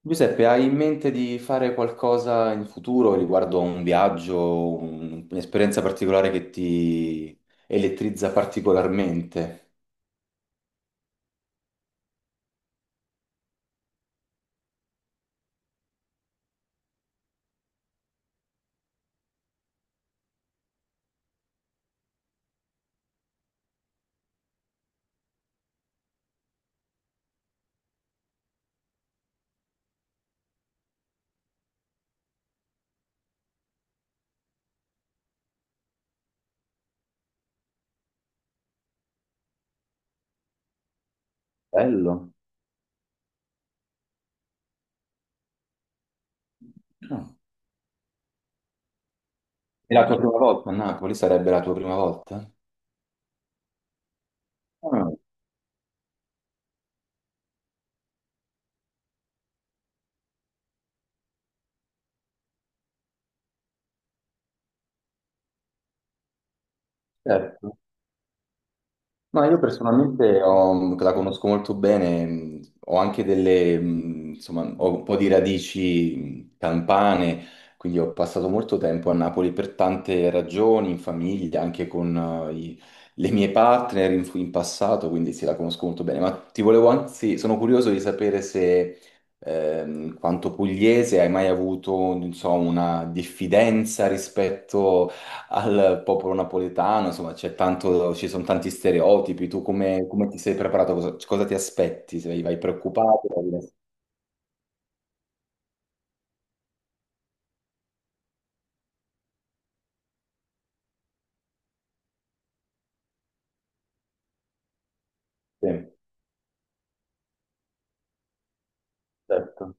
Giuseppe, hai in mente di fare qualcosa in futuro riguardo a un viaggio, un'esperienza particolare che ti elettrizza particolarmente? Bello. Ah. È la tua prima volta a Napoli? Sarebbe la tua prima volta? Ah, certo. No, io personalmente la conosco molto bene, ho anche delle, insomma, ho un po' di radici campane, quindi ho passato molto tempo a Napoli per tante ragioni, in famiglia, anche con eh, i- le mie partner in passato, quindi sì, la conosco molto bene. Ma ti volevo anzi, sono curioso di sapere se, quanto pugliese, hai mai avuto, non so, una diffidenza rispetto al popolo napoletano, insomma, c'è tanto, ci sono tanti stereotipi. Tu come, come ti sei preparato? Cosa, cosa ti aspetti? Sei, vai preoccupato? Vai... Sì, certo.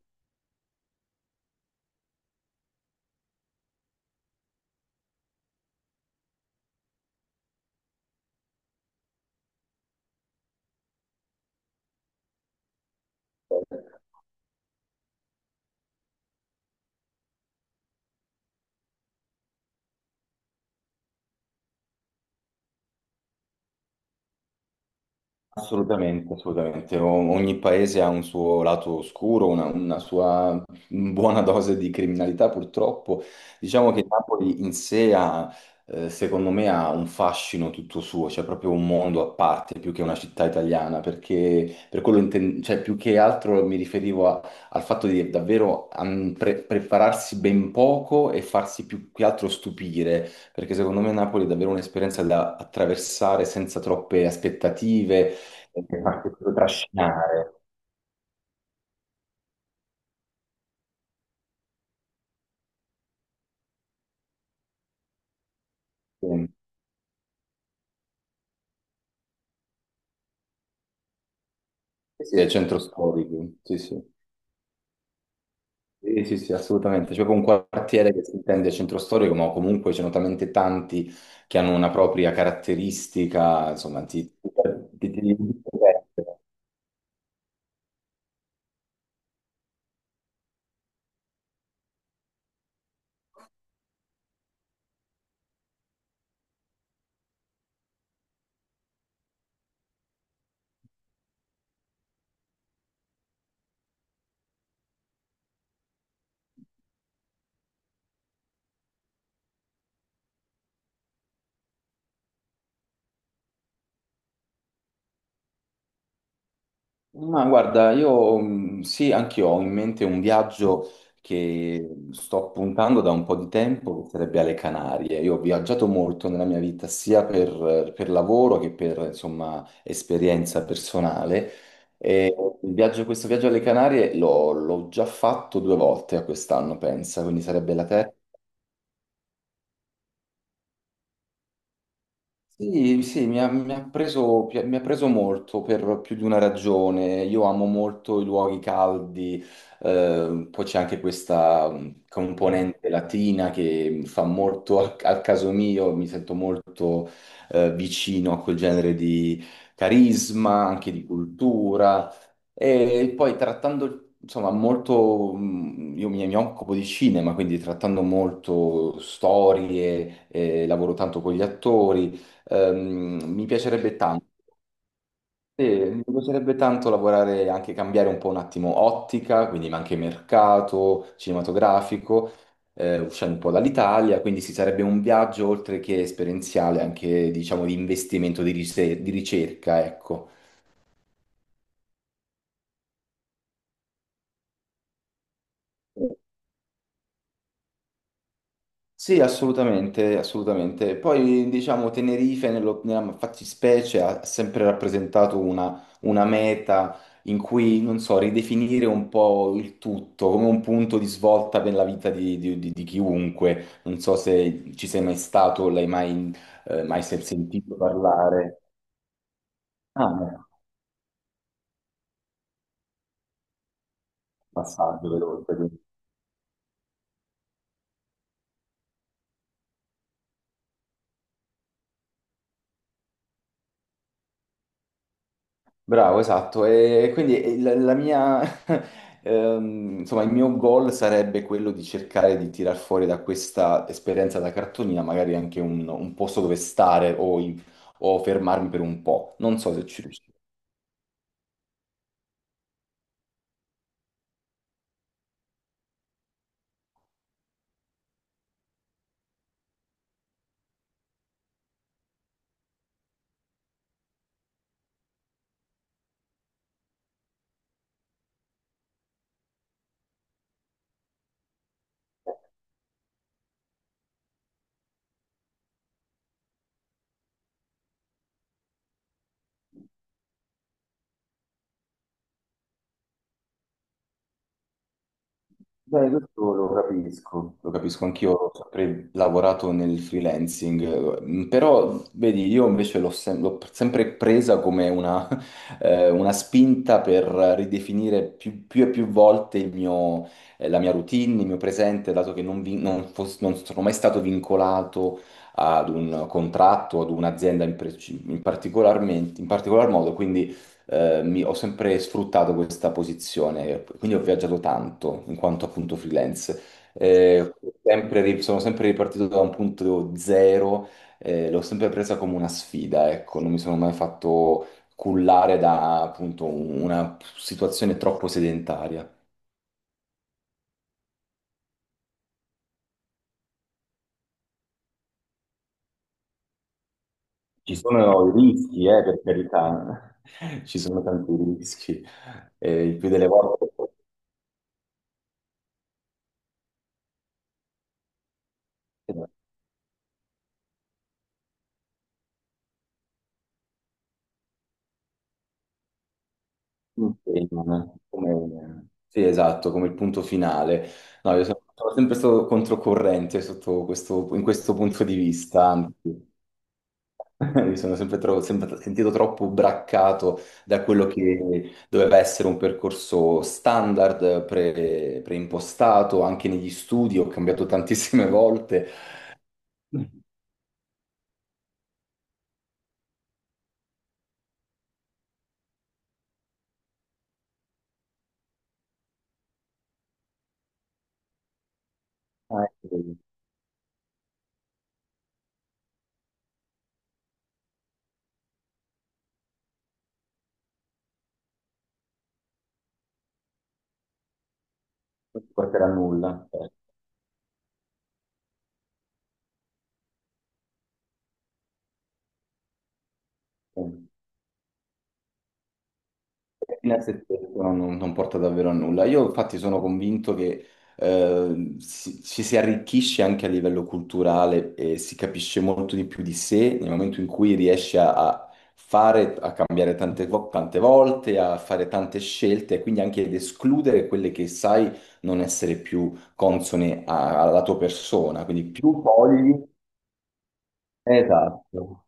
Assolutamente, assolutamente. Ogni paese ha un suo lato oscuro, una sua buona dose di criminalità, purtroppo. Diciamo che Napoli in sé ha, secondo me, ha un fascino tutto suo, c'è proprio un mondo a parte più che una città italiana, perché per quello cioè, più che altro mi riferivo al fatto di davvero am, prepararsi ben poco e farsi più che altro stupire, perché secondo me Napoli è davvero un'esperienza da attraversare senza troppe aspettative, mi fa anche proprio trascinare. Sì, sì, sì, è centro storico, sì, sì. Sì, sì, sì, assolutamente. C'è proprio un quartiere che si intende centro storico, ma comunque ce ne sono talmente tanti che hanno una propria caratteristica, insomma, ti, ti- ti- ti- ma guarda, io sì, anch'io ho in mente un viaggio che sto puntando da un po' di tempo, che sarebbe alle Canarie. Io ho viaggiato molto nella mia vita, sia per lavoro che per, insomma, esperienza personale. E questo viaggio alle Canarie l'ho già fatto due volte a quest'anno, pensa, quindi sarebbe la terza. Sì, sì, mi ha preso, mi ha preso molto per più di una ragione. Io amo molto i luoghi caldi, poi c'è anche questa componente latina che fa molto al, al caso mio, mi sento molto vicino a quel genere di carisma, anche di cultura. E poi trattando, insomma, molto, io mi, mi occupo di cinema, quindi trattando molto storie, lavoro tanto con gli attori. Mi piacerebbe tanto, mi piacerebbe tanto lavorare, anche cambiare un po' un attimo ottica, quindi ma anche mercato cinematografico, uscendo un po' dall'Italia, quindi si sarebbe un viaggio oltre che esperienziale, anche diciamo di investimento, di ricerca, ecco. Sì, assolutamente, assolutamente. Poi, diciamo, Tenerife nella fattispecie ha sempre rappresentato una meta in cui, non so, ridefinire un po' il tutto, come un punto di svolta per la vita di, di chiunque. Non so se ci sei mai stato, o l'hai mai, sentito parlare. Ah, no, passaggio veloce. Bravo, esatto. E quindi la, la mia, insomma, il mio goal sarebbe quello di cercare di tirar fuori da questa esperienza da cartolina magari anche un posto dove stare o fermarmi per un po'. Non so se ci riuscirò. Beh, questo lo capisco anch'io, ho sempre lavorato nel freelancing, però vedi, io invece l'ho sempre presa come una, una spinta per ridefinire più, più e più volte il mio, la mia routine, il mio presente, dato che non, non sono mai stato vincolato ad un contratto, ad un'azienda in, in particolar modo, quindi ho sempre sfruttato questa posizione, quindi ho viaggiato tanto in quanto appunto freelance. Eh, sono sempre ripartito da un punto zero, l'ho sempre presa come una sfida, ecco, non mi sono mai fatto cullare da appunto una situazione troppo sedentaria. Ci sono i rischi, per carità, ci sono tanti rischi, il più delle volte. Come, sì, esatto, come il punto finale. No, io sono sempre stato controcorrente sotto in questo punto di vista, anzi, mi sono sempre, sempre sentito troppo braccato da quello che doveva essere un percorso standard, preimpostato, anche negli studi, ho cambiato tantissime volte, eh, non ti porterà a nulla. Eh, fine a se stesso non, non porta davvero a nulla. Io infatti sono convinto che ci si arricchisce anche a livello culturale e si capisce molto di più di sé nel momento in cui riesci a, a fare, a cambiare tante, tante volte, a fare tante scelte e quindi anche ad escludere quelle che sai non essere più consone alla tua persona. Quindi più fogli, esatto,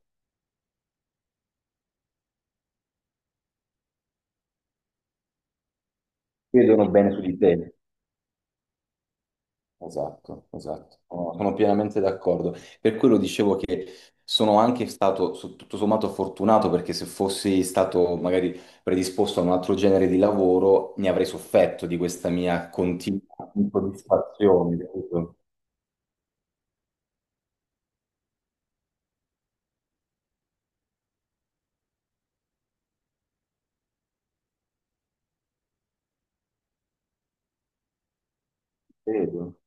vedono bene su di te. Esatto, esatto, sono pienamente d'accordo. Per quello dicevo che sono anche stato tutto sommato fortunato perché se fossi stato magari predisposto a un altro genere di lavoro ne avrei sofferto di questa mia continua insoddisfazione, capito? Credo.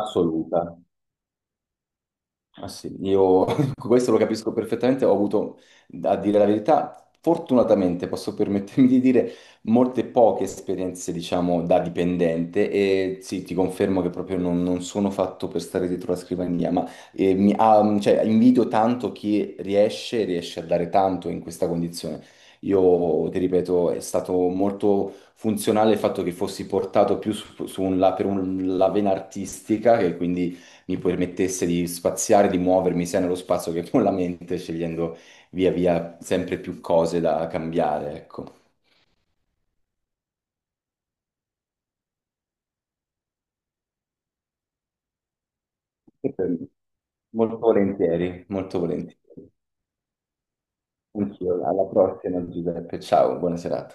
Assoluta. Ah sì, io questo lo capisco perfettamente, ho avuto, a dire la verità, fortunatamente posso permettermi di dire, molte poche esperienze, diciamo, da dipendente e sì, ti confermo che proprio non, non sono fatto per stare dietro la scrivania, ma mi, ah, cioè, invidio tanto chi riesce, riesce a dare tanto in questa condizione. Io, ti ripeto, è stato molto funzionale il fatto che fossi portato più su, su un la- per un- la vena artistica, che quindi mi permettesse di spaziare, di muovermi sia nello spazio che con la mente, scegliendo via via sempre più cose da cambiare, ecco. Molto volentieri, molto volentieri. Anch'io, alla prossima Giuseppe, ciao, buona serata.